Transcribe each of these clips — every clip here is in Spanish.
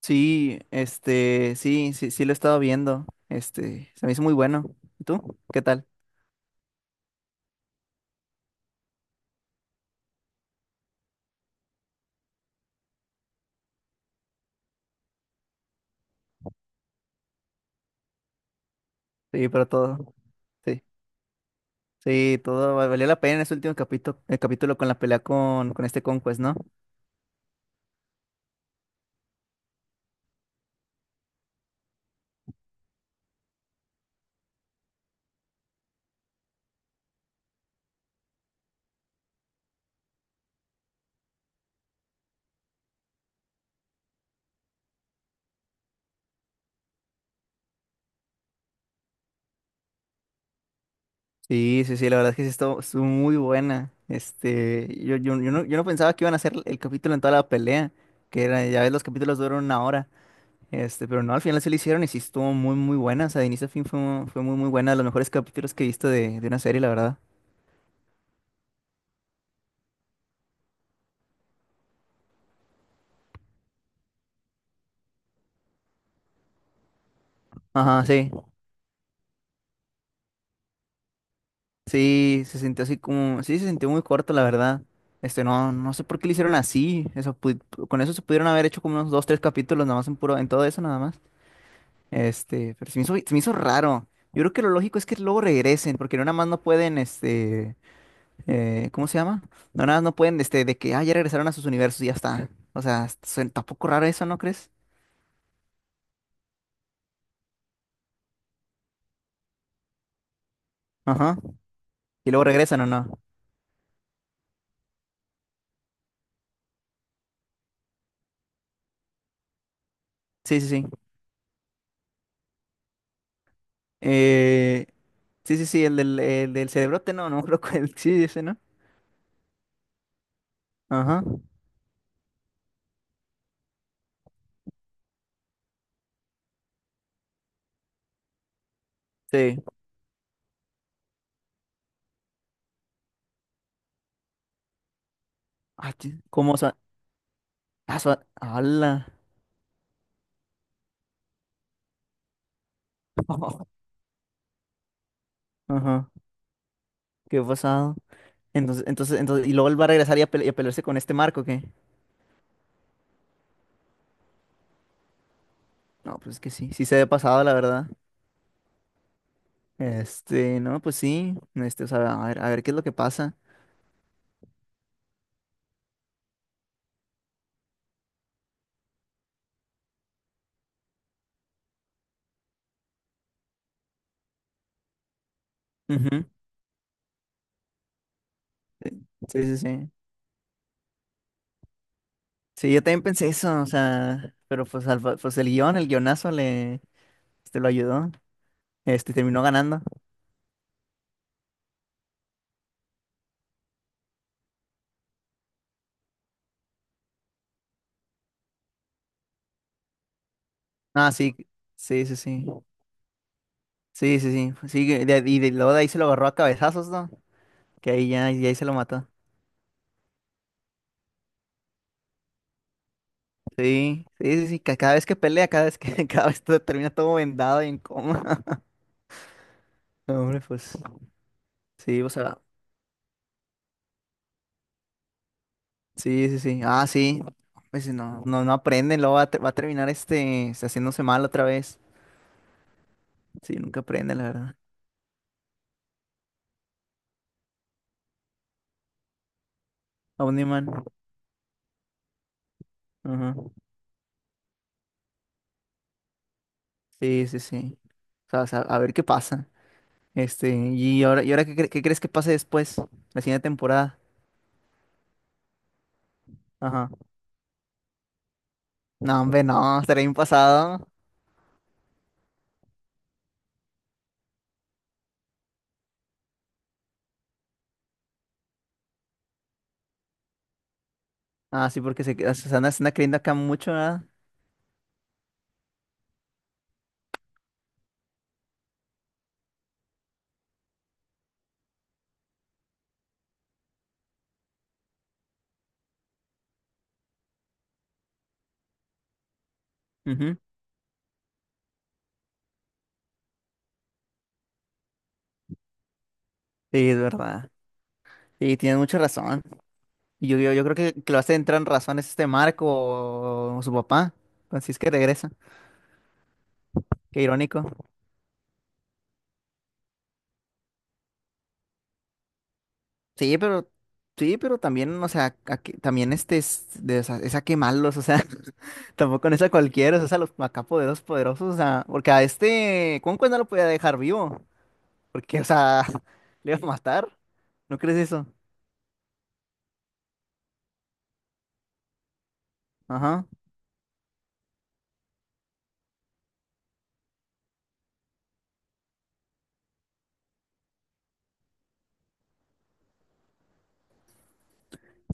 Sí, sí, sí, sí lo he estado viendo. Se me hizo muy bueno. ¿Y tú? ¿Qué tal? Sí, pero todo. Sí, sí, valió la pena en ese último capítulo, el capítulo con la pelea con este Conquest, ¿no? Sí, sí, sí, la verdad es que sí estuvo muy buena. Yo no pensaba que iban a hacer el capítulo en toda la pelea, que era, ya ves, los capítulos duran una hora. Pero no, al final se lo hicieron y sí estuvo muy, muy buena. O sea, de inicio a fin fue muy, muy buena, de los mejores capítulos que he visto de una serie, la verdad. Ajá, sí. Sí, se sintió así como, sí, se sintió muy corto, la verdad. No sé por qué lo hicieron así. Con eso se pudieron haber hecho como unos dos, tres capítulos nada más en puro, en todo eso nada más. Pero se me hizo raro. Yo creo que lo lógico es que luego regresen, porque no nada más no pueden, ¿cómo se llama? No nada más no pueden, ya regresaron a sus universos y ya está. O sea, está un poco raro eso, ¿no crees? Ajá. Y luego regresan o no. Sí, sí, sí. Eh, sí, sí, sí, el del cerebrote, no, no creo que el, sí, ese, ¿no? Ajá. Sí. Ah, ti- ¿Cómo sa- Ah, ¡Hala! Ajá. ¿Qué pasado? Entonces, y luego él va a regresar y a pelearse con este Marco, ¿qué? No, pues es que sí, sí se ve pasado, la verdad. Este, no, Pues sí. O sea, a ver qué es lo que pasa. Ujú. Sí, sí, sí. Sí, yo también pensé eso, o sea, pero pues, pues el guionazo lo ayudó. Terminó ganando. Ah, sí, sí, sí, sí. Sí, sí, sí. Sí, que de- y de- Luego de ahí se lo agarró a cabezazos, ¿no? Que ahí ya, y ahí se lo mató. Sí, sí, sí, sí, cada vez que pelea, cada vez todo termina todo vendado y en coma. No, hombre, pues, sí, o sea, sí, sí, sí. Ah, sí. Pues si no, no, no aprenden, luego va a terminar haciéndose mal otra vez. Sí, nunca aprende, la verdad. Omniman. Ajá. Sí, sí, sí. O sea, a ver qué pasa. Y ahora ¿qué crees que pase después? La siguiente temporada. Ajá. No, hombre, no, estaría bien pasado. Ah, sí, porque se andan creyendo acá mucho, ¿verdad? Ujú. Sí, es verdad. Y tienes mucha razón. Y yo creo que lo hace entrar en razón es este Marco o su papá. Así es que regresa. Qué irónico. Sí, pero, sí, pero también, o sea, también es a quemarlos, o sea, tampoco no es a cualquiera, es a los acá poderosos, poderosos, o sea, porque a este Conquest no lo podía dejar vivo, porque, o sea, le iba a matar. ¿No crees eso? Ajá.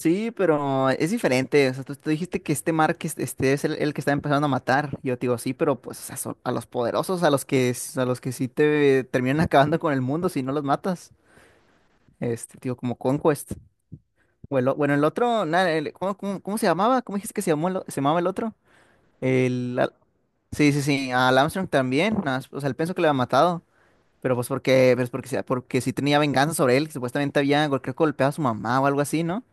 Sí, pero es diferente. O sea, tú dijiste que este es el que está empezando a matar. Yo te digo, sí, pero pues o sea, son a los poderosos, a los a los que sí te terminan acabando con el mundo si no los matas. Este, tío, como Conquest. Bueno, el otro, ¿cómo, cómo se llamaba? ¿Cómo dijiste que se llamó se llamaba el otro? El Al- Sí, sí, sí, al Armstrong también. Nada más, o sea, él pensó que le había matado, pero pues porque sí tenía venganza sobre él, que supuestamente había creo que golpeado a su mamá o algo así, ¿no?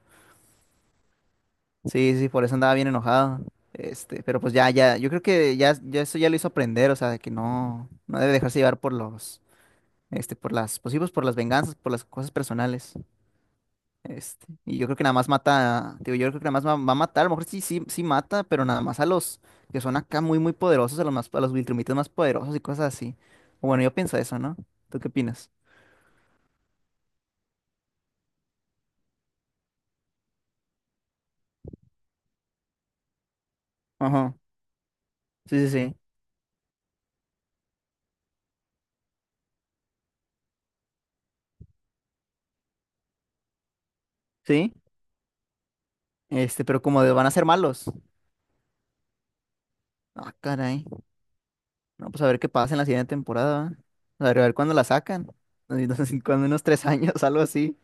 Sí, sí, por eso andaba bien enojado. Yo creo ya eso ya lo hizo aprender, o sea, de que no, no debe dejarse llevar por pues sí, pues, por las venganzas, por las cosas personales. Y yo creo que nada más mata, digo, yo creo que nada más va a matar, a lo mejor sí, sí, sí mata, pero nada más a los que son acá muy, muy poderosos, a los más, a los Viltrumitas más poderosos y cosas así. Bueno, yo pienso eso, ¿no? ¿Tú qué opinas? Ajá, sí, sí, sí, sí, pero van a ser malos. Ah, caray. No, pues a ver qué pasa en la siguiente temporada. ¿Va? A ver cuándo la sacan. Así, cuando unos tres años, algo así.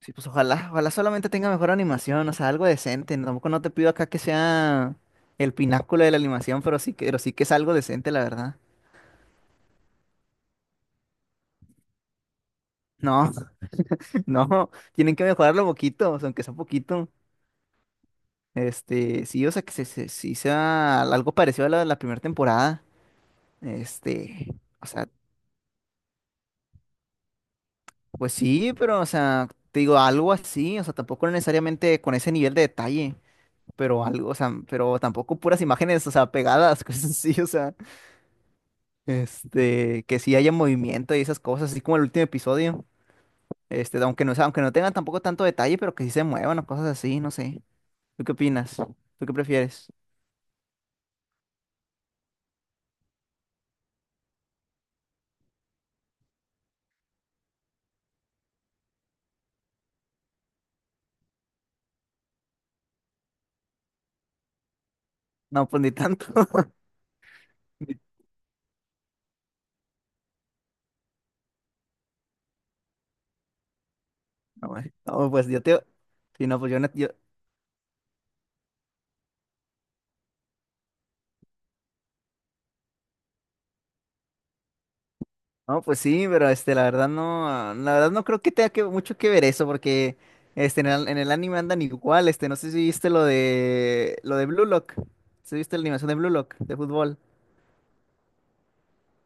Sí, pues ojalá, ojalá solamente tenga mejor animación, o sea, algo decente. Tampoco no te pido acá que sea el pináculo de la animación, pero sí que es algo decente, la verdad. No, no, tienen que mejorarlo poquito, o sea, aunque sea poquito. Sí, o sea, que sí sea algo parecido a la de la primera temporada. Este, o sea, Pues sí, pero, o sea, te digo, algo así, o sea, tampoco necesariamente con ese nivel de detalle, pero algo, o sea, pero tampoco puras imágenes, o sea, pegadas, cosas así, o sea, que sí haya movimiento y esas cosas, así como el último episodio, aunque no, o sea, aunque no tengan tampoco tanto detalle, pero que sí se muevan o cosas así, no sé. ¿Tú qué opinas? ¿Tú qué prefieres? No, pues ni tanto. Ni- No, pues no, pues, yo te... Sí, no, pues yo, no, pues sí, pero la verdad no, ah, la verdad no creo que mucho que ver eso, porque en el anime andan igual, no sé si viste lo de Blue Lock, si viste la animación de Blue Lock, de fútbol.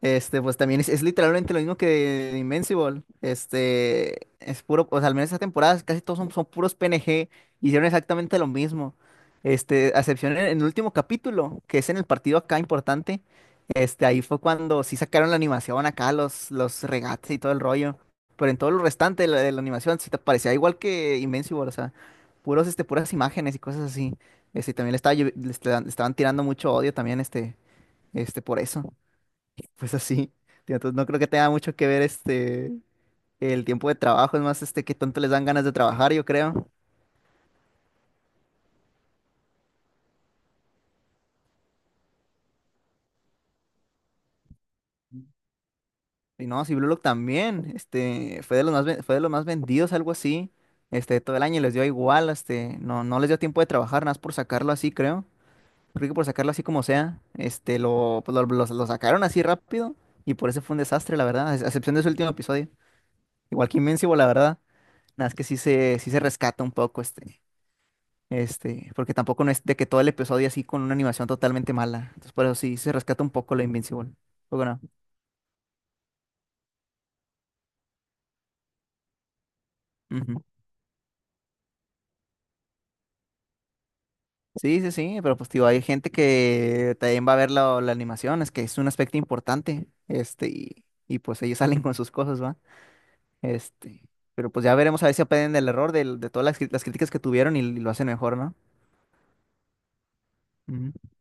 Pues también es literalmente lo mismo que Invincible. Es puro, o sea, al menos esta temporada casi todos son puros PNG. Hicieron exactamente lo mismo. A excepción en el último capítulo, que es en el partido acá importante. Ahí fue cuando sí sacaron la animación acá, los regates y todo el rollo. Pero en todo lo restante de la animación sí te parecía igual que Invincible, o sea, puros, puras imágenes y cosas así. Este, también le, estaba, lle- le estaban tirando mucho odio también, por eso. Pues así, tío, entonces no creo que tenga mucho que ver el tiempo de trabajo, es más que tanto les dan ganas de trabajar, yo creo. Y no, si Blue Lock también, fue de los más vendidos, algo así, todo el año y les dio igual, no les dio tiempo de trabajar, nada más por sacarlo así, creo. Creo que por sacarlo así como sea, este, lo, pues, lo sacaron así rápido y por eso fue un desastre, la verdad, a excepción de su último episodio. Igual que Invincible, la verdad, nada, es que sí se rescata un poco, este. Porque tampoco no es de que todo el episodio así con una animación totalmente mala. Entonces, por eso sí se rescata un poco la Invincible. Poco no. Ujú. Sí, sí, sí, pero pues digo hay gente que también va a ver la animación, es que es un aspecto importante. Pues ellos salen con sus cosas, ¿va? Este, pero pues ya veremos a ver si aprenden de todas las, las críticas que tuvieron y lo hacen mejor, ¿no? Ujú.